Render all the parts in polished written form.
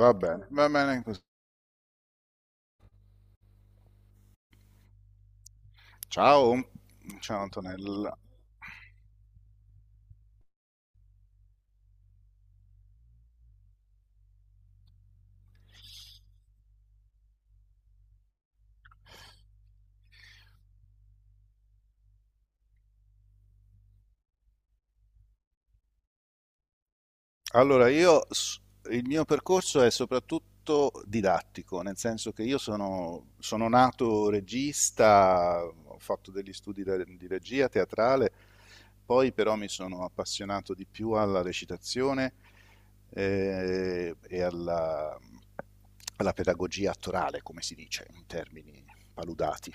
Va bene così. Ciao, ciao Antonella. Allora, il mio percorso è soprattutto didattico, nel senso che io sono nato regista, ho fatto degli studi di regia teatrale, poi però mi sono appassionato di più alla recitazione e alla pedagogia attorale, come si dice in termini paludati.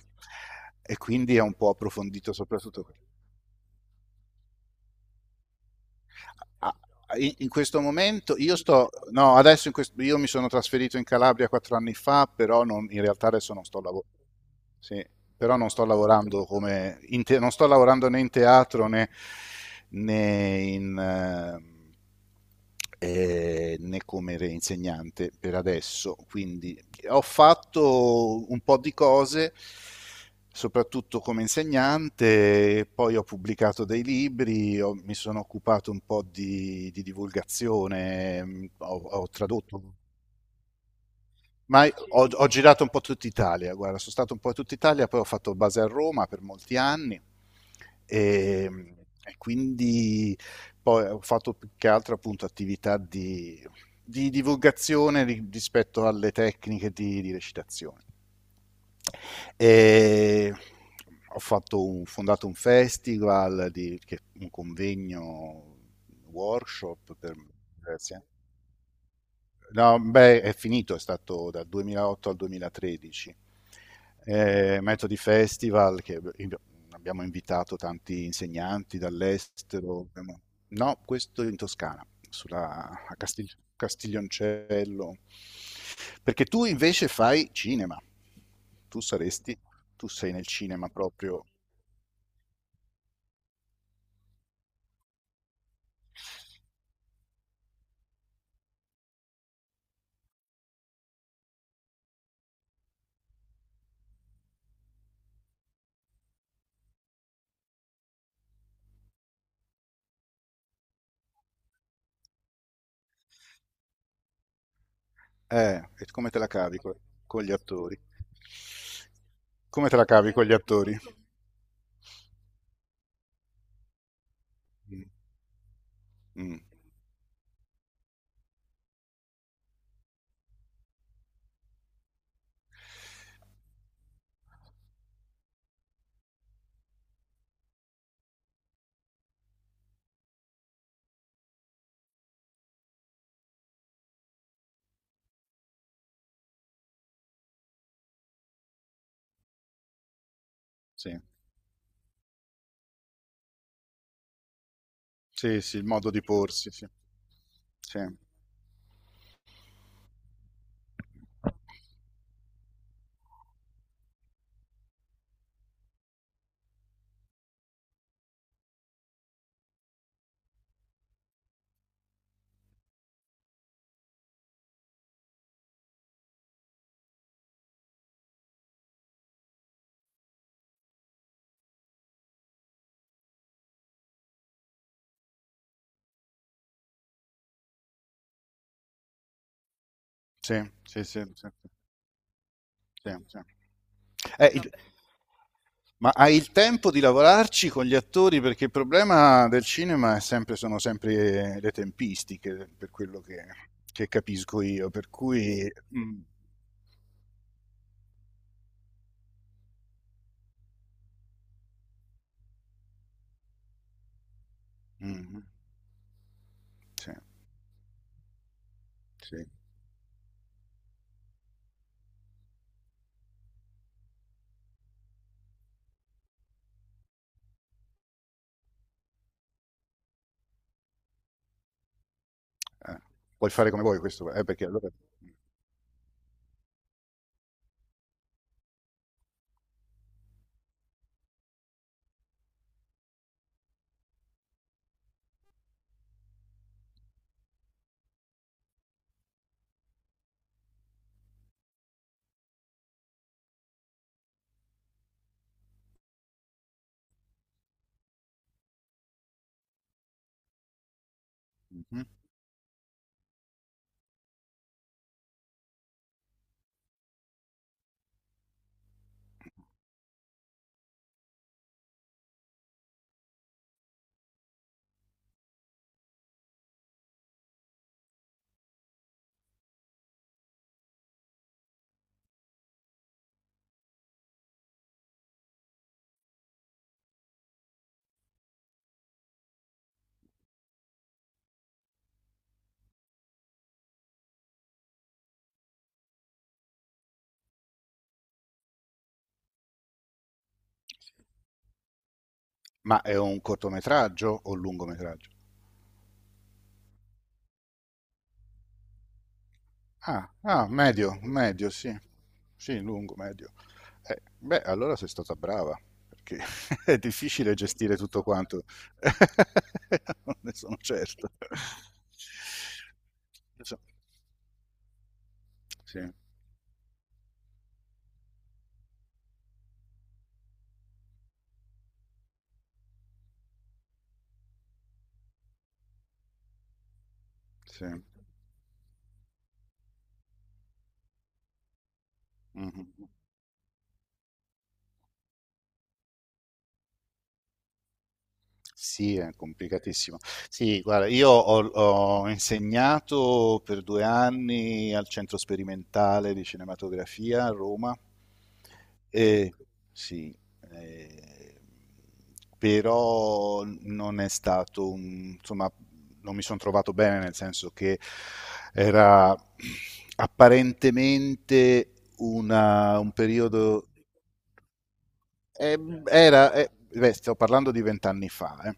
E quindi è un po' approfondito soprattutto. Ah, in questo momento io sto no adesso in questo, io mi sono trasferito in Calabria 4 anni fa però non, in realtà adesso non sto lavorando. Sì, però non sto lavorando non sto lavorando né in teatro né, né in né insegnante per adesso, quindi ho fatto un po' di cose, soprattutto come insegnante. Poi ho pubblicato dei libri, mi sono occupato un po' di divulgazione, ho tradotto, ma ho girato un po' tutta Italia, guarda, sono stato un po' in tutta Italia. Poi ho fatto base a Roma per molti anni e, mh, e quindi poi ho fatto più che altro appunto attività di divulgazione rispetto alle tecniche di recitazione. E ho fatto un fondato un festival un convegno, workshop per diversi anni. No, beh, è finito, è stato dal 2008 al 2013. Metodi Festival, che abbiamo invitato tanti insegnanti dall'estero. No, questo in Toscana, a Castiglioncello. Perché tu invece fai cinema. Tu saresti, tu sei nel cinema proprio. E come te la cavi con gli attori? Come te la cavi con gli attori? Mm, mm, sì. Sì, sì, il modo di porsi, sì. Sì, sì, sì, sì, sì, sì, sì. Eh, il- ma hai il tempo di lavorarci con gli attori? Perché il problema del cinema sono sempre le tempistiche, per quello che capisco io, per cui... Mm, mm, sì, sì. Eh, Puoi fare come vuoi questo, perché allora... Mhm. Ma è un cortometraggio o un lungometraggio? Ah, ah, medio, medio, sì. Sì, lungo, medio. Beh, allora sei stata brava, perché è difficile gestire tutto quanto. Non ne sono certo. Insomma, sì, sì. Mhm. Sì, è complicatissimo. Sì, guarda, io ho insegnato per 2 anni al Centro Sperimentale di Cinematografia a Roma. E, sì, eh, però non è stato un, insomma, non mi sono trovato bene, nel senso che era apparentemente un periodo, eh, era, beh, sto parlando di vent'anni fa, eh.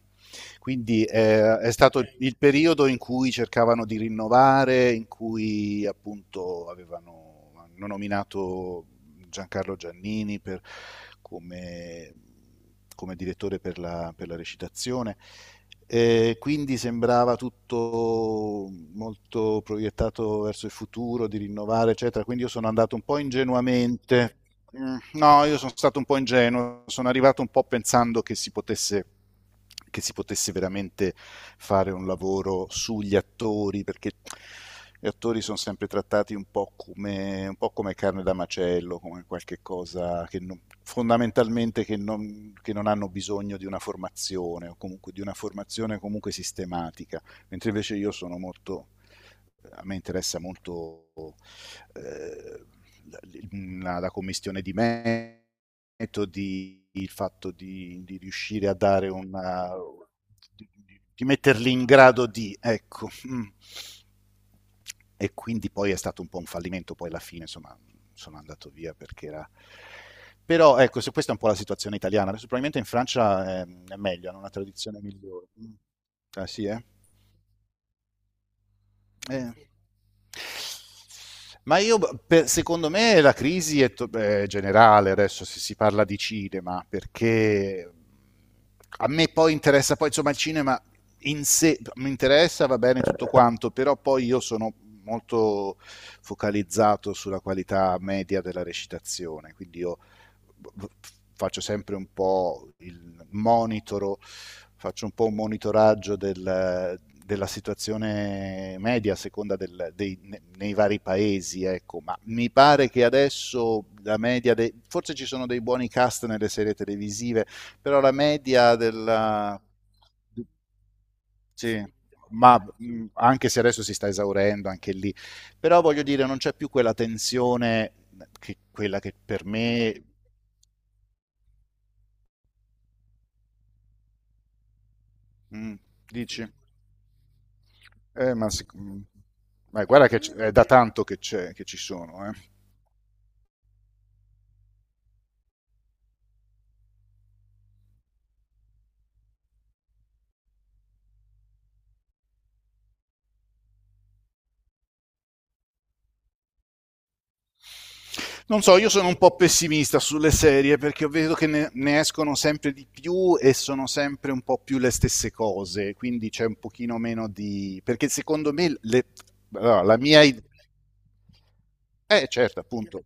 Quindi è stato il periodo in cui cercavano di rinnovare, in cui appunto avevano hanno nominato Giancarlo Giannini come, come direttore per la recitazione. Quindi sembrava tutto molto proiettato verso il futuro, di rinnovare, eccetera. Quindi io sono andato un po' ingenuamente. No, io sono stato un po' ingenuo, sono arrivato un po' pensando che si potesse veramente fare un lavoro sugli attori, perché gli attori sono sempre trattati un po' come carne da macello, come qualche cosa che non- fondamentalmente che non, hanno bisogno di una formazione, o comunque di una formazione comunque sistematica, mentre invece io sono molto, a me interessa molto eh, la commissione di metodi, il fatto di riuscire a dare una... di, di metterli in grado di, ecco. Mm. E quindi poi è stato un po' un fallimento, poi alla fine insomma sono andato via perché era... Però ecco, se questa è un po' la situazione italiana, adesso probabilmente in Francia è meglio, hanno una tradizione migliore. Mm. Ah sì, eh? Eh. Ma io, secondo me, la crisi è generale adesso, se si parla di cinema, perché a me poi interessa, poi insomma il cinema in sé mi interessa, va bene tutto quanto, però poi io sono molto focalizzato sulla qualità media della recitazione, quindi io faccio sempre un po' il monitoro, faccio un po' un monitoraggio del, della situazione media a seconda del, dei, nei vari paesi, ecco. Ma mi pare che adesso la media, forse ci sono dei buoni cast nelle serie televisive, però la media della... di- Sì, ma anche se adesso si sta esaurendo anche lì, però voglio dire, non c'è più quella tensione, che, quella che per me... Mm, Dici? Eh, ma, sic- mm. Ma guarda che è da tanto che, c'è, che ci sono, eh. Non so, io sono un po' pessimista sulle serie perché vedo che ne escono sempre di più e sono sempre un po' più le stesse cose, quindi c'è un pochino meno di... perché secondo me allora, la mia idea... Eh certo, appunto.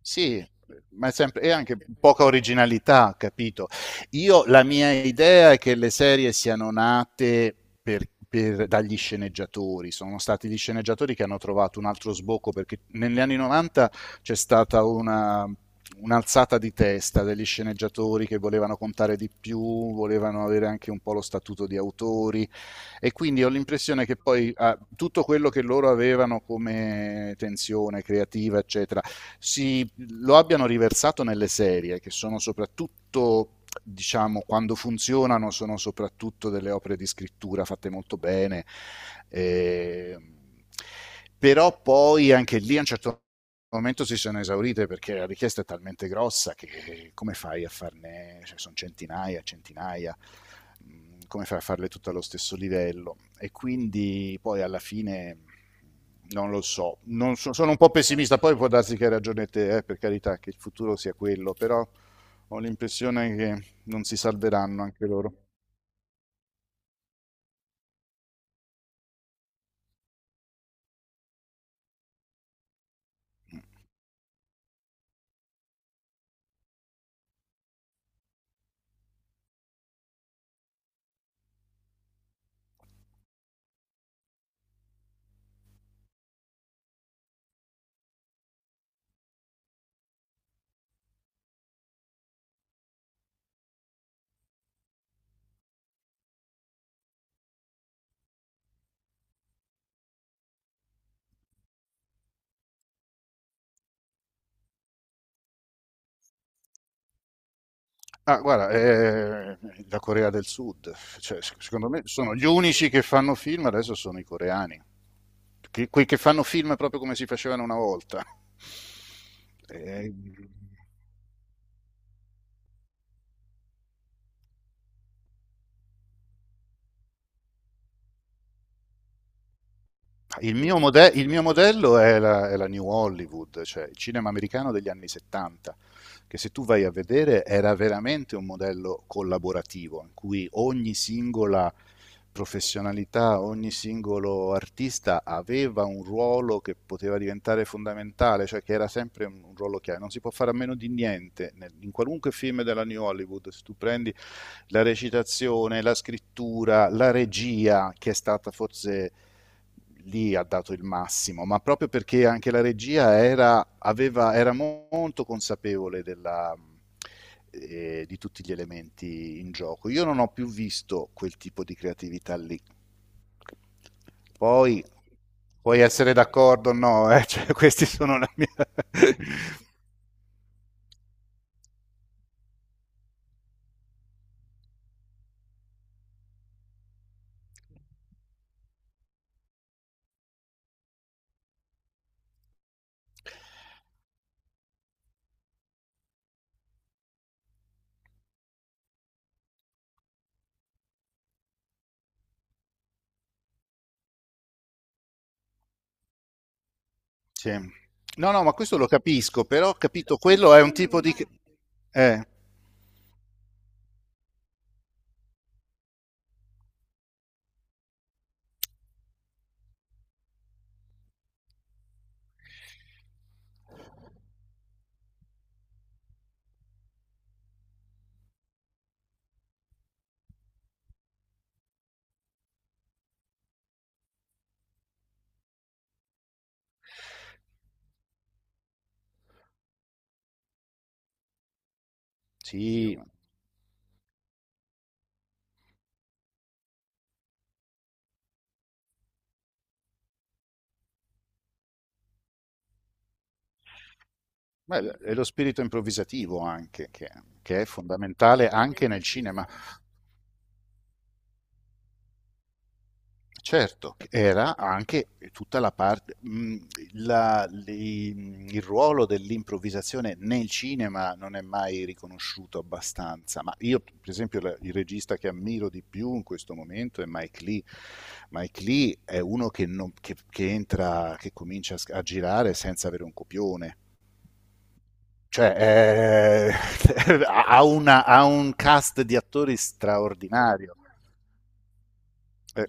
Sì, ma è sempre, e anche poca originalità, capito? Io, la mia idea è che le serie siano nate dagli sceneggiatori, sono stati gli sceneggiatori che hanno trovato un altro sbocco, perché negli anni 90 c'è stata una, un'alzata di testa degli sceneggiatori, che volevano contare di più, volevano avere anche un po' lo statuto di autori. E quindi ho l'impressione che poi tutto quello che loro avevano come tensione creativa, eccetera, si, lo abbiano riversato nelle serie, che sono soprattutto diciamo, quando funzionano sono soprattutto delle opere di scrittura fatte molto bene. E però poi anche lì a un certo momento si sono esaurite, perché la richiesta è talmente grossa che come fai a farne, cioè sono centinaia, centinaia. Come fai a farle tutte allo stesso livello? E quindi poi alla fine non lo so, non so, sono un po' pessimista. Poi può darsi che hai ragione te, per carità, che il futuro sia quello, però ho l'impressione che non si salveranno anche loro. Ah, guarda, la Corea del Sud, cioè, secondo me sono gli unici che fanno film adesso, sono i coreani, che, quei che fanno film proprio come si facevano una volta. Eh, il mio modello è la New Hollywood, cioè il cinema americano degli anni 70, che se tu vai a vedere era veramente un modello collaborativo, in cui ogni singola professionalità, ogni singolo artista aveva un ruolo che poteva diventare fondamentale, cioè che era sempre un ruolo chiave. Non si può fare a meno di niente in qualunque film della New Hollywood. Se tu prendi la recitazione, la scrittura, la regia, che è stata forse lì, ha dato il massimo, ma proprio perché anche la regia era, aveva, era molto consapevole della, di tutti gli elementi in gioco. Io non ho più visto quel tipo di creatività lì. Poi puoi essere d'accordo o no, eh? Cioè, questi sono la mia... Sì. No, no, ma questo lo capisco, però ho capito, quello è un tipo di... Eh, sì, beh, è lo spirito improvvisativo anche, che, è fondamentale anche nel cinema. Certo, era anche tutta la parte, il ruolo dell'improvvisazione nel cinema non è mai riconosciuto abbastanza, ma io per esempio il regista che ammiro di più in questo momento è Mike Lee. Mike Lee è uno che, non- che entra, che comincia a girare senza avere un copione, cioè, ha un cast di attori straordinario. Eh.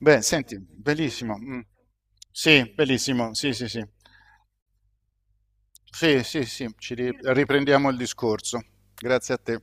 Beh, senti, bellissimo. Mm. Sì, bellissimo. Sì, sì, sì. Sì, sì, sì, ci riprendiamo il discorso. Grazie a te.